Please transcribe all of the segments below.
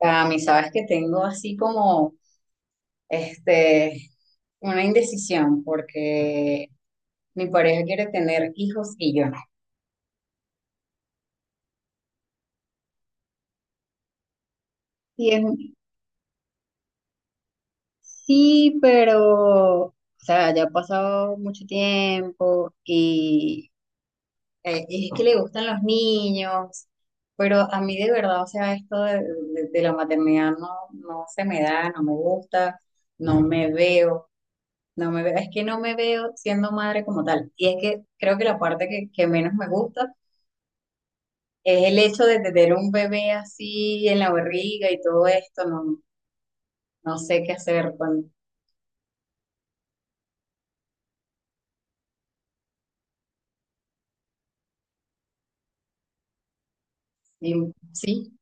A mí, sabes que tengo así como este, una indecisión porque mi pareja quiere tener hijos y yo no. Y es, sí, pero, o sea, ya ha pasado mucho tiempo y es que le gustan los niños, pero a mí de verdad, o sea, esto de la maternidad no, no se me da, no me gusta, no me veo. No me veo, es que no me veo siendo madre como tal. Y es que creo que la parte que menos me gusta es el hecho de tener un bebé así en la barriga y todo esto. No, no sé qué hacer con. Sí,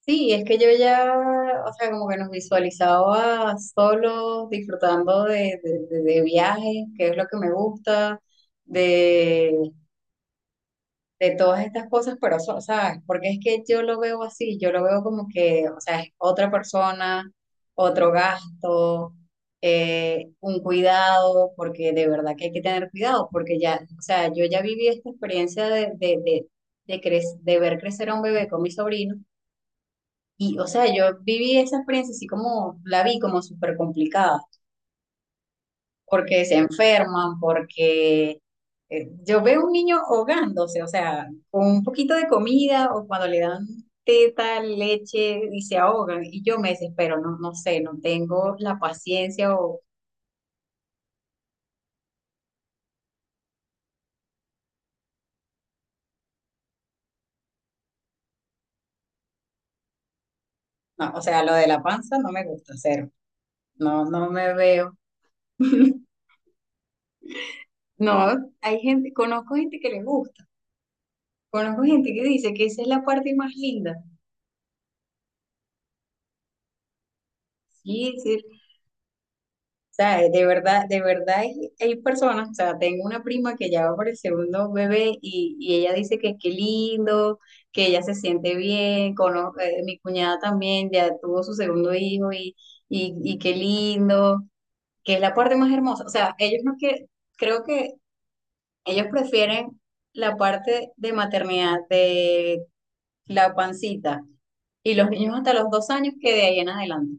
sí, es que yo ya, o sea, como que nos visualizaba solos, disfrutando de viajes, que es lo que me gusta, de todas estas cosas, pero, ¿sabes? Porque es que yo lo veo así, yo lo veo como que, o sea, es otra persona, otro gasto, un cuidado, porque de verdad que hay que tener cuidado, porque ya, o sea, yo ya viví esta experiencia de ver crecer a un bebé con mi sobrino, y, o sea, yo viví esa experiencia así como, la vi como súper complicada, porque se enferman, porque yo veo un niño ahogándose, o sea, con un poquito de comida o cuando le dan teta, leche y se ahogan. Y yo me desespero, no, no sé, no tengo la paciencia o, no, o sea, lo de la panza no me gusta, cero. No, no me veo. No, hay gente, conozco gente que le gusta, conozco gente que dice que esa es la parte más linda. Sí, sí, sea, de verdad hay personas, o sea, tengo una prima que ya va por el segundo bebé y ella dice que qué lindo, que ella se siente bien, mi cuñada también ya tuvo su segundo hijo y qué lindo, que es la parte más hermosa. O sea, ellos no que, creo que ellos prefieren la parte de maternidad, de la pancita, y los niños hasta los 2 años, que de ahí en adelante,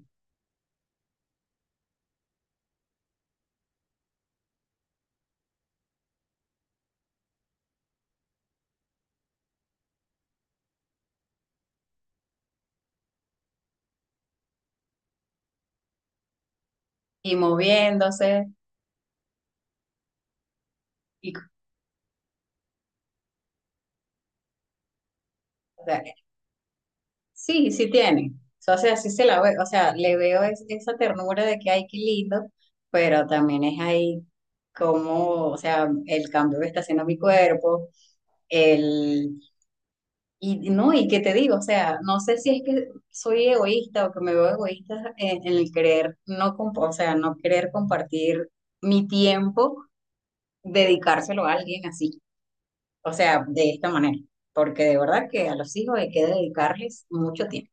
y moviéndose. y Sí, sí tiene. O sea, sí se la ve, o sea, le veo esa ternura de que ay, qué lindo, pero también es ahí como, o sea, el cambio que está haciendo mi cuerpo, el, y no, y qué te digo, o sea, no sé si es que soy egoísta o que me veo egoísta en el querer no, o sea, no querer compartir mi tiempo, dedicárselo a alguien así, o sea, de esta manera, porque de verdad que a los hijos hay que dedicarles mucho tiempo.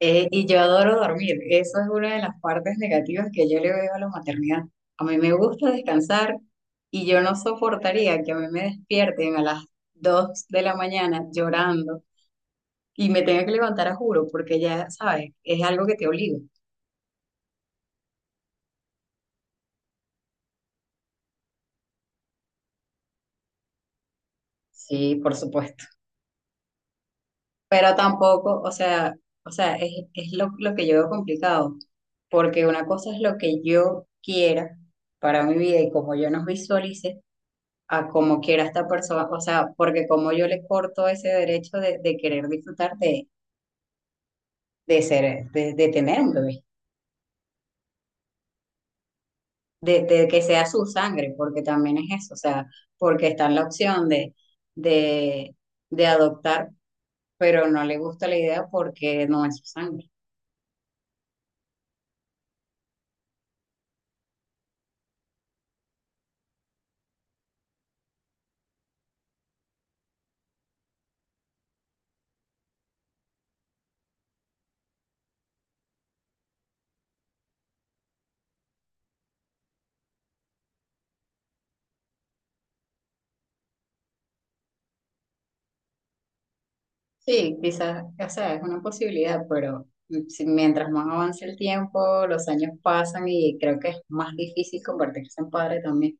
Y yo adoro dormir. Eso es una de las partes negativas que yo le veo a la maternidad. A mí me gusta descansar y yo no soportaría que a mí me despierten a las 2 de la mañana llorando y me tenga que levantar a juro, porque ya sabes, es algo que te obliga. Sí, por supuesto. Pero tampoco, o sea, es lo que yo veo complicado, porque una cosa es lo que yo quiera para mi vida y como yo nos visualice, a como quiera esta persona, o sea, porque como yo le corto ese derecho de querer disfrutar de ser, de tener un bebé, de que sea su sangre, porque también es eso, o sea, porque está en la opción de, de adoptar, pero no le gusta la idea porque no es su sangre. Sí, quizás, o sea, es una posibilidad, pero mientras más avance el tiempo, los años pasan y creo que es más difícil convertirse en padre también.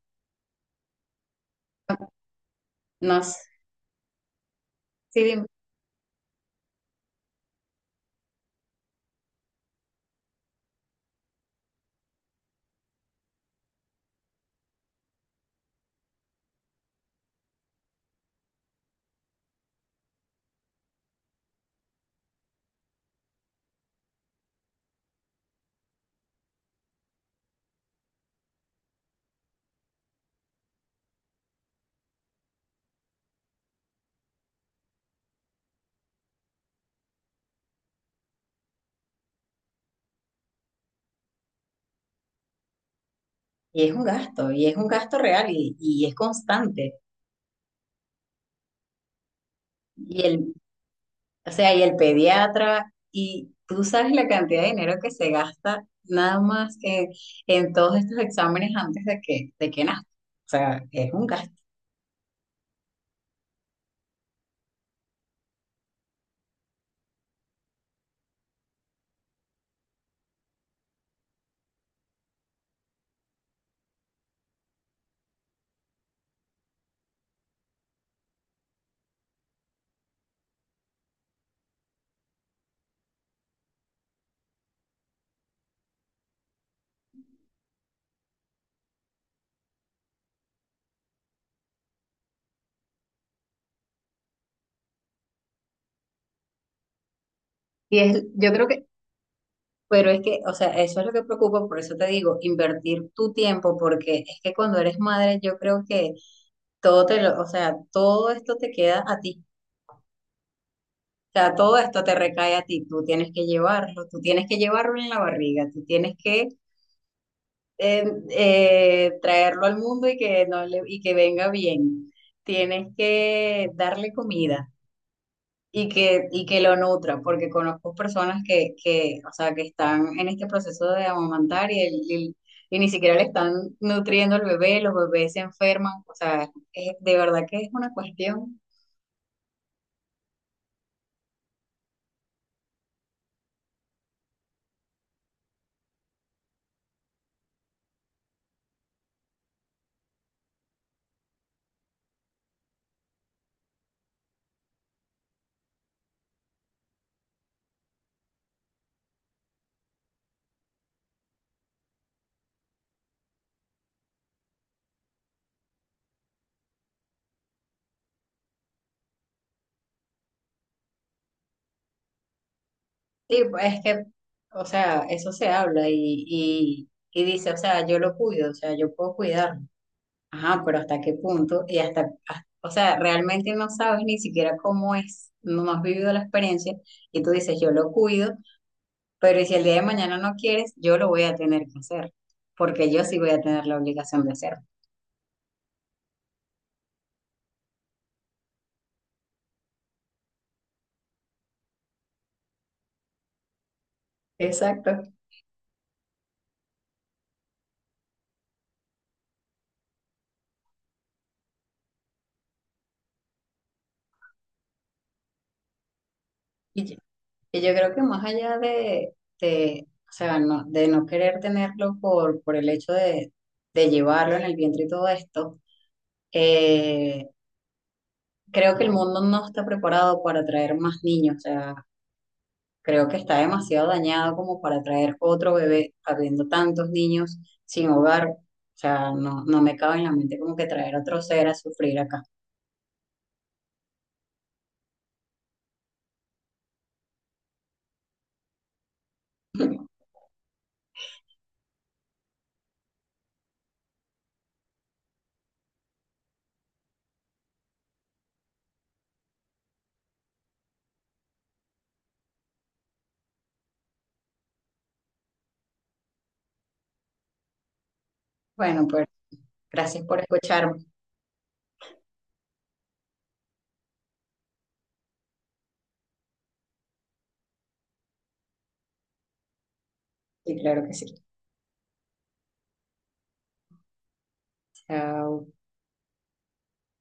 No sé, sí, dime. Y es un gasto, y es un gasto real y es constante. Y el, o sea, y el pediatra, y tú sabes la cantidad de dinero que se gasta nada más que en todos estos exámenes antes de que nazca. O sea, es un gasto. Y es, yo creo que, Pero es que, o sea, eso es lo que preocupa, por eso te digo, invertir tu tiempo, porque es que cuando eres madre, yo creo que todo te lo, o sea, todo esto te queda a ti, todo esto te recae a ti, tú tienes que llevarlo, tú tienes que llevarlo en la barriga, tú tienes que eh, traerlo al mundo y que, no le- y que venga bien, tienes que darle comida y que lo nutra, porque conozco personas que, o sea, que están en este proceso de amamantar y ni siquiera le están nutriendo al bebé, los bebés se enferman, o sea, de verdad que es una cuestión. Sí, pues, es que, o sea, eso se habla y, y dice, o sea, yo lo cuido, o sea, yo puedo cuidarlo. Ajá, pero ¿hasta qué punto? Y hasta, o sea, realmente no sabes ni siquiera cómo es, no has vivido la experiencia y tú dices, yo lo cuido, pero ¿y si el día de mañana no quieres, yo lo voy a tener que hacer?, porque yo sí voy a tener la obligación de hacerlo. Exacto. Y, Y yo creo que más allá de, o sea, no, de no querer tenerlo por el hecho de llevarlo en el vientre y todo esto, eh, creo que el mundo no está preparado para traer más niños. O sea, creo que está demasiado dañado como para traer otro bebé, habiendo tantos niños sin hogar. O sea, no, no me cabe en la mente como que traer otro ser a sufrir acá. Bueno, pues gracias por escucharme. Y claro que sí. Chao.